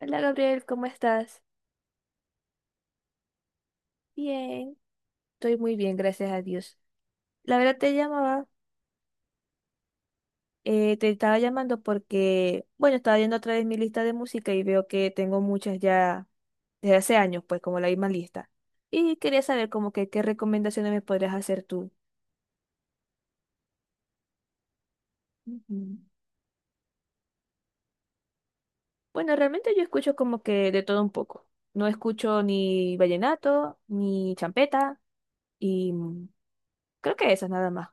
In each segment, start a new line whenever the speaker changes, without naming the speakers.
Hola Gabriel, ¿cómo estás? Bien, estoy muy bien, gracias a Dios. La verdad te llamaba, te estaba llamando porque, bueno, estaba viendo otra vez mi lista de música y veo que tengo muchas ya desde hace años, pues como la misma lista. Y quería saber como que qué recomendaciones me podrías hacer tú. Ujú. Bueno, realmente yo escucho como que de todo un poco. No escucho ni vallenato, ni champeta, y creo que esas nada más.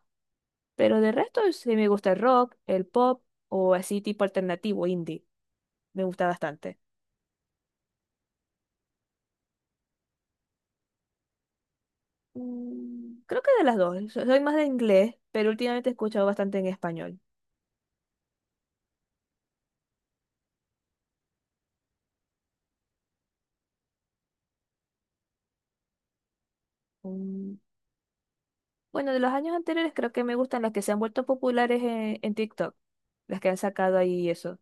Pero de resto sí me gusta el rock, el pop o así tipo alternativo, indie. Me gusta bastante. Creo que de las dos. Soy más de inglés, pero últimamente he escuchado bastante en español. Mm. Bueno, de los años anteriores creo que me gustan las que se han vuelto populares en TikTok. Las que han sacado ahí eso.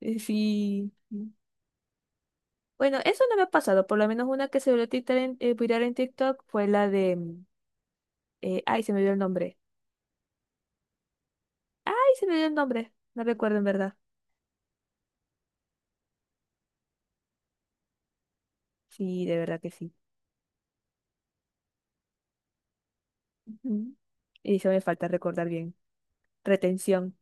Sí. Bueno, eso no me ha pasado. Por lo menos una que se volvió viral en TikTok fue la de... ay, se me dio el nombre. Ay, se me dio el nombre. No recuerdo en verdad. Sí, de verdad que sí. Ujú. Y se me falta recordar bien. Retención.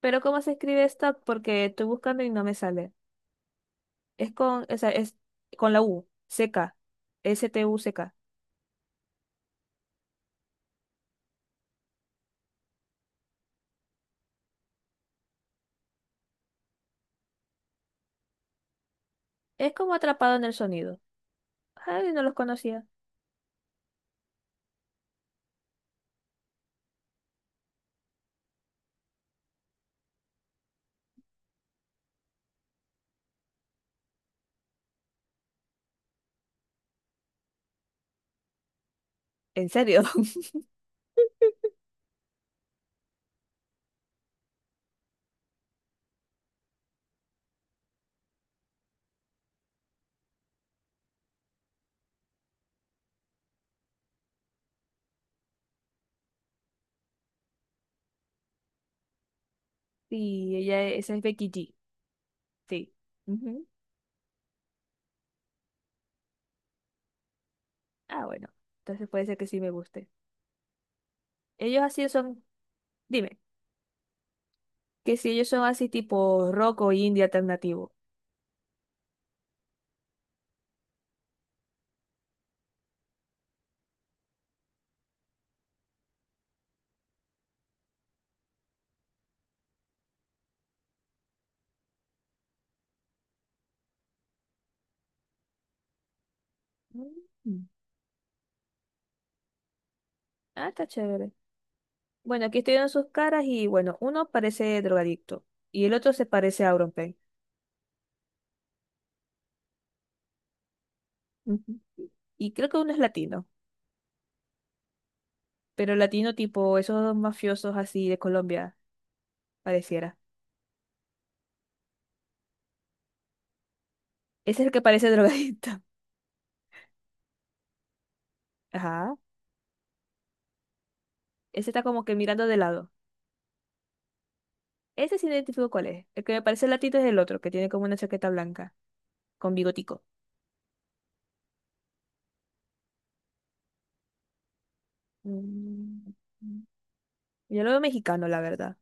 Pero ¿cómo se escribe esta? Porque estoy buscando y no me sale. Es con, o sea, es con la U, seca, Stuck. Es como atrapado en el sonido. Ay, no los conocía. ¿En serio? Sí, ella, esa es Becky G. Sí. Ujú. Ah, bueno. Entonces puede ser que sí me guste. Ellos así son, dime, que si ellos son así tipo rock o indie alternativo. Mm. Ah, está chévere. Bueno, aquí estoy viendo sus caras y bueno, uno parece drogadicto y el otro se parece a Auron Payne. Ujú. Y creo que uno es latino, pero latino tipo esos mafiosos así de Colombia, pareciera. Ese es el que parece drogadicto. Ajá. Ese está como que mirando de lado. Ese sí no identifico cuál es. El que me parece latino es el otro, que tiene como una chaqueta blanca, con bigotico. Mm. Yo lo veo mexicano, la verdad.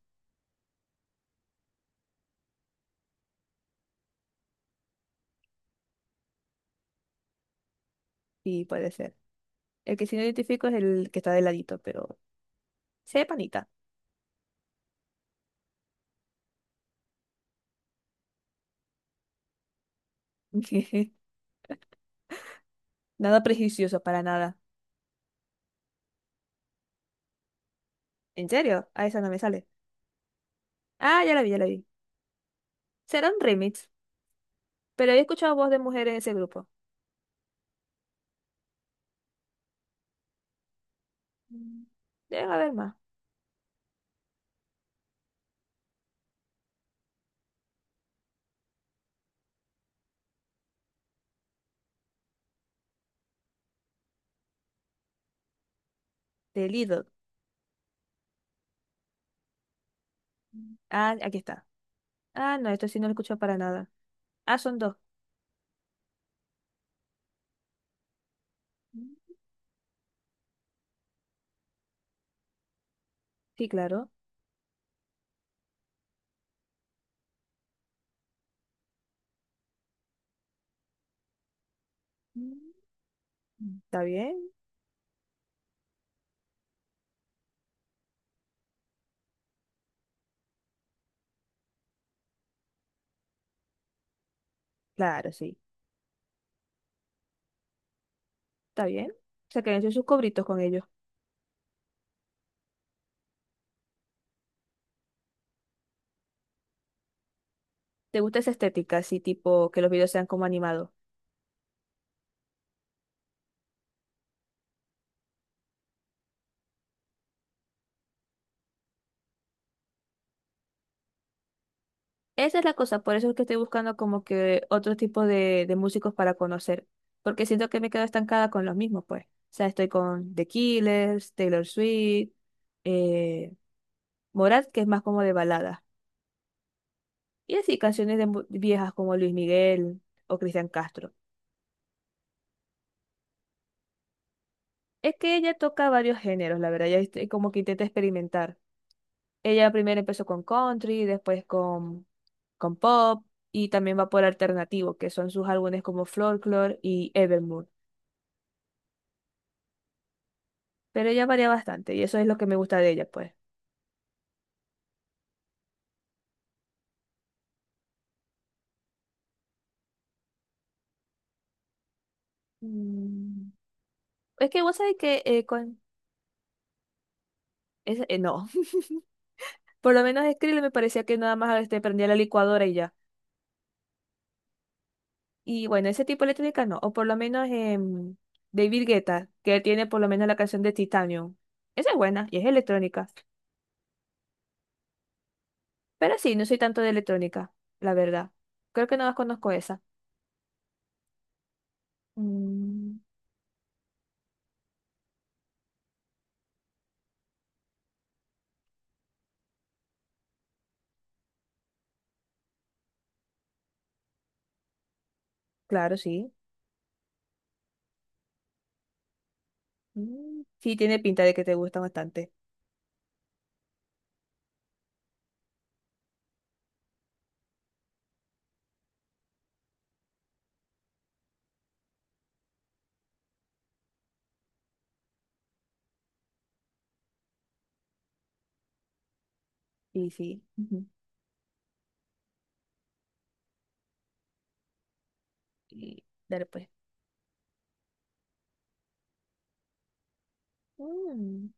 Sí, puede ser. El que sí no identifico es el que está de ladito, pero se ve panita. Nada prejuicioso, para nada. ¿En serio? A esa no me sale. Ah, ya la vi, ya la vi. Será un remix, pero he escuchado voz de mujer en ese grupo. Mm. Debe haber más. De Lido. Mm. Ah, aquí está. Ah, no, esto sí no lo he escuchado para nada. Ah, son dos. Mm. Sí, claro. Mm. ¿Está bien? Claro, sí. ¿Está bien? O sea, que han hecho sus cobritos con ellos. ¿Te gusta esa estética, así tipo que los videos sean como animados? Esa es la cosa, por eso es que estoy buscando como que otro tipo de músicos para conocer, porque siento que me quedo estancada con los mismos, pues. O sea, estoy con The Killers, Taylor Swift, eh, Morat, que es más como de balada, y así canciones de viejas como Luis Miguel o Cristian Castro. Es que ella toca varios géneros, la verdad, ella este, como que intenta experimentar. Ella primero empezó con country, con pop, y también va por alternativo, que son sus álbumes como Folklore y Evermore. Pero ella varía bastante y eso es lo que me gusta de ella, pues. Mm. Es que vos sabés que con... no, por lo menos Skrill me parecía que nada más este, prendía la licuadora y ya. Y bueno, ese tipo de electrónica no, o por lo menos David Guetta, que tiene por lo menos la canción de Titanium. Esa es buena y es electrónica. Pero sí, no soy tanto de electrónica, la verdad. Creo que no más conozco esa. Mm, claro, sí. Mm, sí, tiene pinta de que te gusta bastante. Sí, sí. Ujú. Y dale pues. Mm.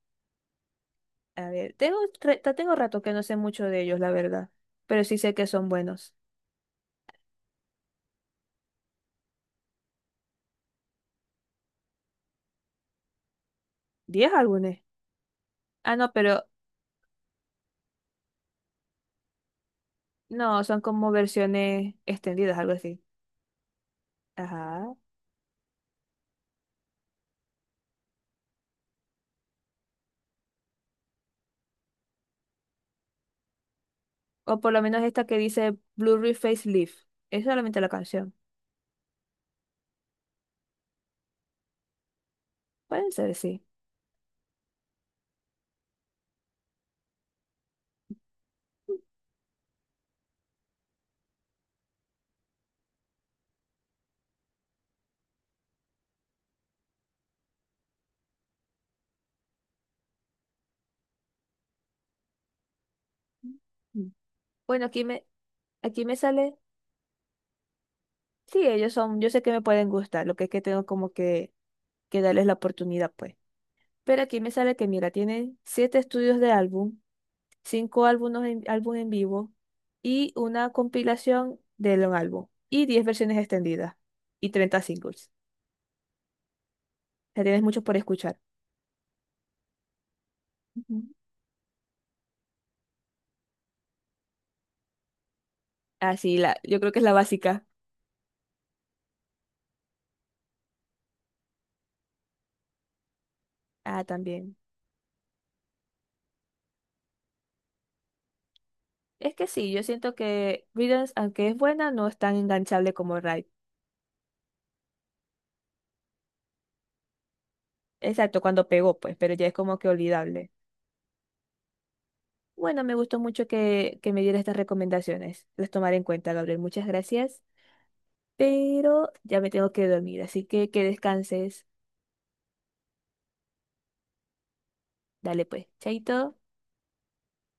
A ver, tengo, tengo rato que no sé mucho de ellos, la verdad, pero sí sé que son buenos. ¿Diez álbumes? Ah, no, pero no, son como versiones extendidas, algo así. Ajá. O por lo menos esta que dice Blu-ray Facelift. Es solamente la canción. Pueden ser, sí. Bueno, aquí me sale. Sí, ellos son, yo sé que me pueden gustar, lo que es que tengo como que darles la oportunidad, pues. Pero aquí me sale que, mira, tienen 7 estudios de álbum, 5 álbumes álbum en vivo y una compilación de un álbum y diez versiones extendidas y 30 singles. O sea, tienes mucho por escuchar. Ujú. Así, la, yo creo que es la básica. Ah, también. Es que sí, yo siento que Rhythms, aunque es buena, no es tan enganchable como Riot. Exacto, cuando pegó, pues, pero ya es como que olvidable. Bueno, me gustó mucho que me diera estas recomendaciones. Las tomaré en cuenta, Gabriel. Muchas gracias. Pero ya me tengo que dormir, así que descanses. Dale pues, chaito.